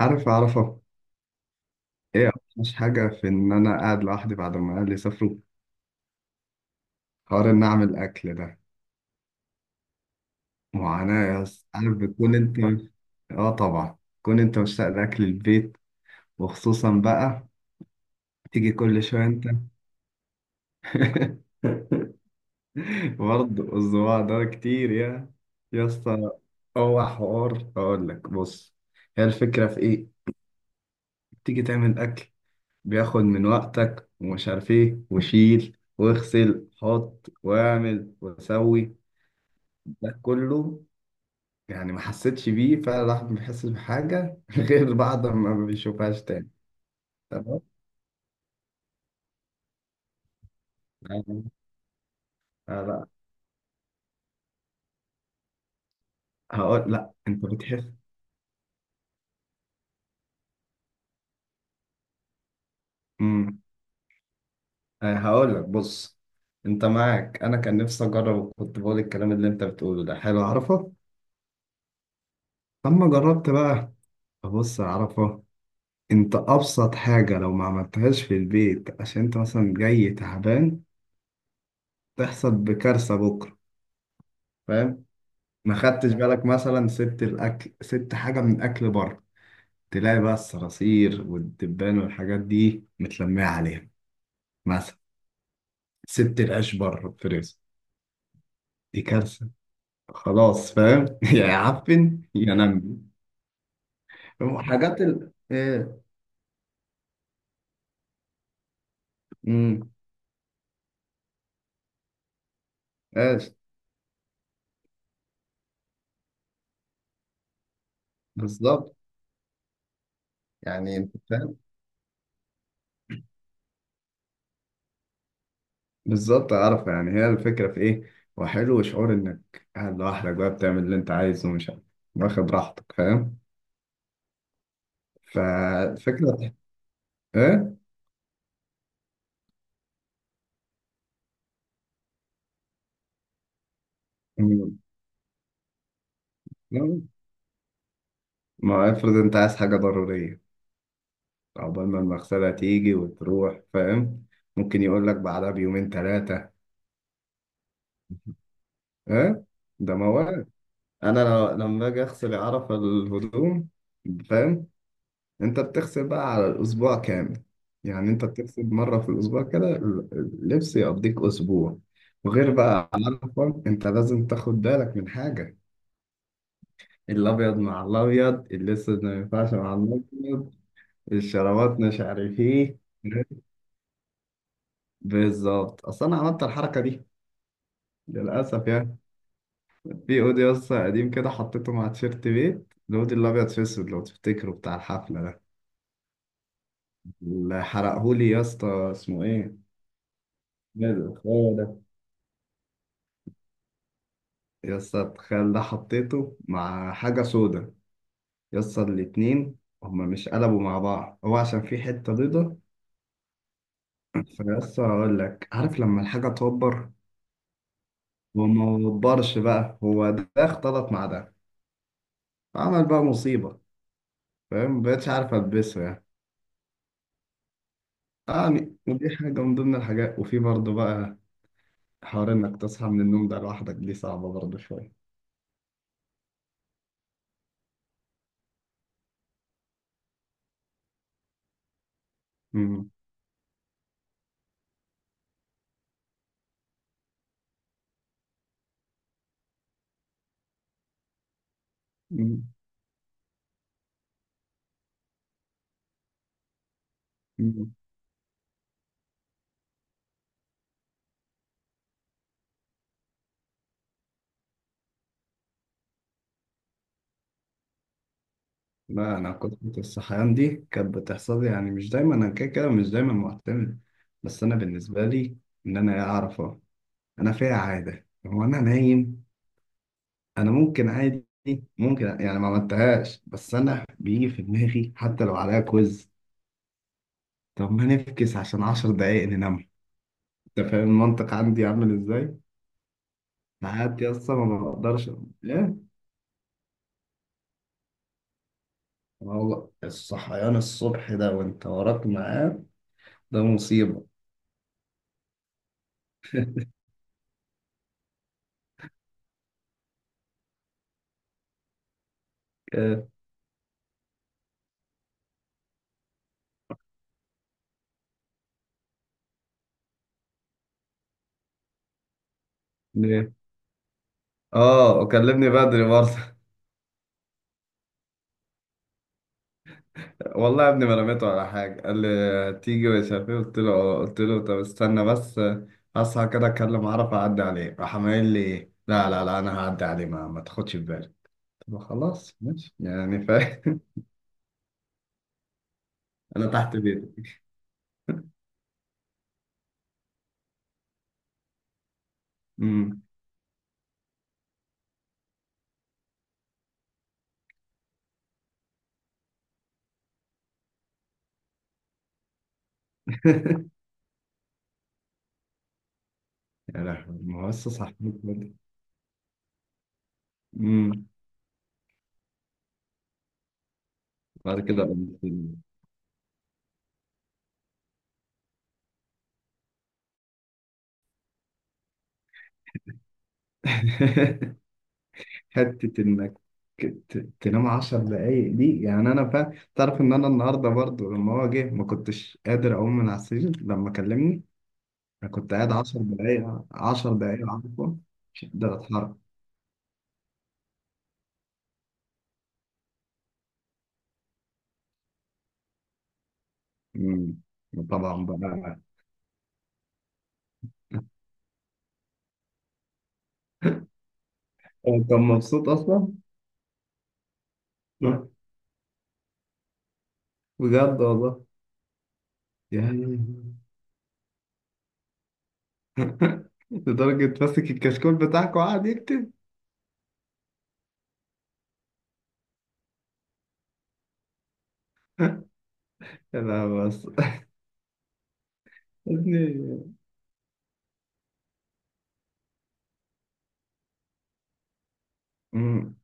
عارف أعرفه. إيه؟ مش حاجة، في إن أنا قاعد لوحدي بعد ما أهلي سافروا. حوار إن أعمل أكل ده معاناة يا اسطى، عارف، بتكون أنت. آه طبعا تكون أنت مشتاق لأكل البيت، وخصوصا بقى تيجي كل شوية أنت. برضه الصباع ده كتير يا اسطى. هو حوار، اقول لك بص، هي الفكره في ايه؟ تيجي تعمل اكل، بياخد من وقتك ومش عارف ايه، وشيل واغسل حط واعمل وسوي ده كله. يعني ما حسيتش بيه فعلا، الواحد ما بيحسش بحاجة غير بعد ما ما بيشوفهاش تاني. تمام. يعني- آه لا، هقول لا. انت بتحس؟ امم. آه هقول لك بص، انت معاك، انا كان نفسي اجرب، كنت بقول الكلام اللي انت بتقوله ده حلو عرفه. لما جربت بقى، بص يا عرفه، انت ابسط حاجة لو ما عملتهاش في البيت عشان انت مثلا جاي تعبان، تحصل بكارثة بكرة. فاهم؟ ما خدتش بالك، مثلا سبت الاكل، سبت حاجة من اكل بره، تلاقي بقى الصراصير والدبان والحاجات دي متلمية عليها. مثلا سبت العيش بره في رزق، دي كارثة. خلاص فاهم؟ يا يعفن يا نمي. حاجات ايه. امم. ايش؟ بالظبط يعني، انت فاهم. بالظبط عارف، يعني هي الفكرة في ايه. وحلو شعور انك قاعد لوحدك بقى، بتعمل اللي انت عايزه ومش عارف، واخد راحتك، فاهم؟ فالفكرة ايه. مم. ما افرض انت عايز حاجة ضرورية، عقبال ما المغسلة تيجي وتروح، فاهم؟ ممكن يقول لك بعدها بيومين ثلاثة. ها؟ ده موال. أنا لما أجي أغسل، عرف الهدوم، فاهم؟ أنت بتغسل بقى على الأسبوع كامل. يعني أنت بتغسل مرة في الأسبوع، كده اللبس يقضيك أسبوع. وغير بقى عرفة، أنت لازم تاخد بالك من حاجة. الأبيض مع الأبيض، الأسود ما ينفعش مع الأبيض، الشرابات مش عارف إيه. بالظبط، أصل أنا عملت الحركة دي للأسف يعني. في اودي اصلا قديم كده، حطيته مع تيشيرت. بيت الاودي الابيض في اسود، لو تفتكره، بتاع الحفله ده، اللي حرقهولي يا اسطى، اسمه ايه. إيه ده الخوال ده! يا اسطى التخيل ده، حطيته مع حاجه سودا، يا اسطى الاتنين هما مش قلبوا مع بعض، هو عشان في حته بيضه. فيا اسطى اقول لك، عارف لما الحاجه توبر؟ هو ما وبرش بقى، هو ده اختلط مع ده، عمل بقى مصيبه. فاهم؟ مبقتش عارف البسه يعني. يعني ودي حاجه من ضمن الحاجات. وفي برضه بقى حوار انك تصحى من النوم ده لوحدك، دي صعبة برضه شوية. مم. مم. مم. لا، انا كنت الصحيان دي كانت بتحصل لي، يعني مش دايما، انا كده كده مش دايما معتمد. بس انا بالنسبة لي، ان انا اعرف أهو. انا فيها عادة، هو انا نايم، انا ممكن عادي، ممكن يعني ما عملتهاش، بس انا بيجي في دماغي حتى لو عليها كويز، طب ما نفكس عشان 10 دقايق ننام. انت فاهم المنطق عندي عامل ازاي؟ ساعات يا اسطى ما بقدرش. لا. والله الصحيان الصبح ده وانت وراك ميعاد، ده مصيبة. إيه؟ ليه؟ اه وكلمني بدري برضه. والله يا ابني ما رميته على حاجة، قال لي تيجي مش عارف ايه، قلت له اه، قلت له طب استنى بس، هصحى كده اتكلم عرف اعدي عليه، راح قايل لي لا لا لا، انا هعدي عليه، ما تاخدش في بالك. طب خلاص ماشي، يعني فاهم. انا تحت بيتي. امم. يا لهوي، ما هو لسه صاحبي. امم. بعد كده قمت. حتة إنك تنام 10 دقايق دي، يعني أنا تعرف إن أنا النهاردة برضو لما هو جه ما كنتش قادر أقوم من على السرير لما كلمني. أنا كنت قاعد 10 دقايق، 10 دقايق عارفه، مش قادر أتحرك. أمم. طبعا بقى. هو كان مبسوط أصلا، بجد والله. يعني لدرجة ماسك الكشكول بتاعك وقعد يكتب. لا بس يا ابني. أمم.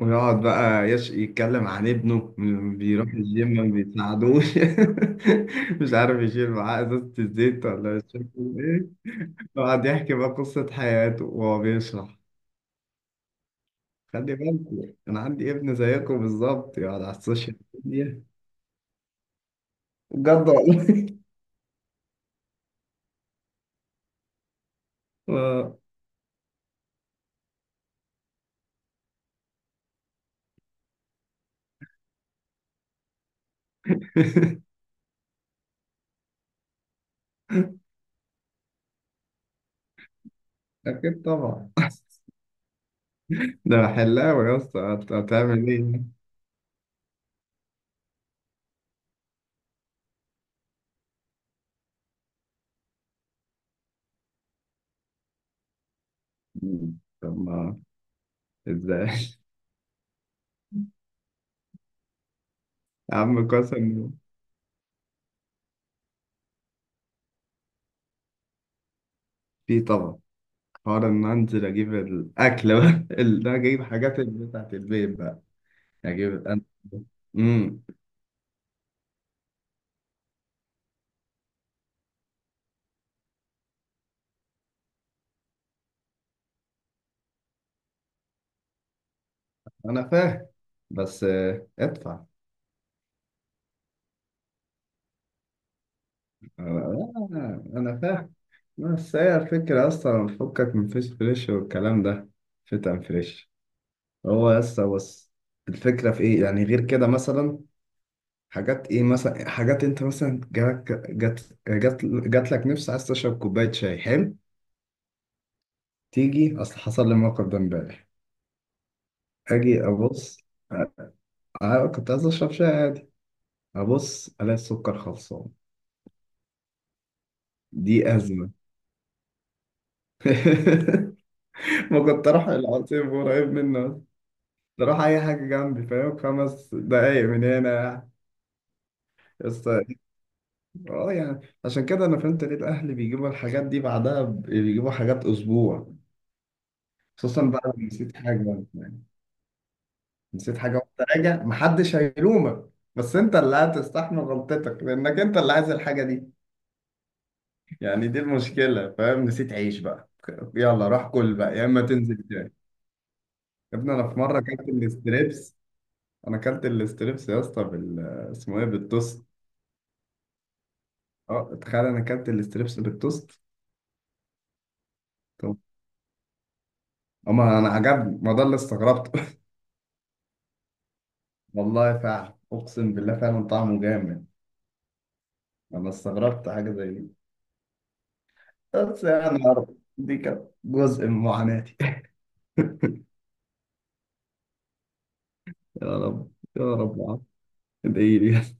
ويقعد بقى يتكلم عن ابنه، بيروح الجيم ما بيساعدوش. مش عارف يشيل معاه ازازة الزيت ولا مش عارف ايه. يقعد يحكي بقى قصة حياته وهو بيشرح. خلي بالكم انا عندي ابن زيكم بالظبط يقعد على السوشيال ميديا. بجد والله. آه. اكيد طبعا. ده حلاوة يا اسطى هتعمل ايه. طب ما ازاي. يا عم قسم. في طبعا، حوار ان انزل اجيب الاكل بقى ده اجيب حاجات بتاعت البيت بقى، اجيب انا. امم. انا فاهم، بس آه، ادفع. آه، انا فاهم. بس هي الفكرة اصلا، فكك من فيس فريش والكلام ده، فتن فريش. هو بس الفكرة في ايه يعني غير كده؟ مثلا حاجات ايه مثلا، حاجات انت مثلا جات لك نفس عايز تشرب كوباية شاي حلو، تيجي. اصل حصل لي الموقف ده امبارح. اجي ابص، أنا كنت عايز أشرب شاي عادي، أبص ألاقي السكر خلصان. دي أزمة. ما كنت أروح العصير قريب منه، أروح أي حاجة جنبي، فاهم، 5 دقايق من هنا بس. اه، يعني عشان كده أنا فهمت ليه الأهل بيجيبوا الحاجات دي بعدها، بيجيبوا حاجات أسبوع. خصوصا بقى لو نسيت حاجة، يعني نسيت حاجة وأنت راجع، محدش هيلومك، بس أنت اللي هتستحمل غلطتك، لأنك أنت اللي عايز الحاجة دي. يعني دي المشكلة، فاهم؟ نسيت عيش بقى، يلا روح كل بقى، يا اما تنزل تاني. يا ابني انا في مرة اكلت الاستريبس. انا اكلت الاستريبس يا اسطى اسمه ايه، بالتوست. اه تخيل، انا اكلت الاستريبس بالتوست. طب اما انا عجبني، ما ده اللي استغربته. والله فعلا، اقسم بالله فعلا طعمه جامد. انا استغربت حاجة زي دي. بس يعني يا رب دي كانت جزء من معاناتي. يا رب. يا رب يا عم، ادعي لي.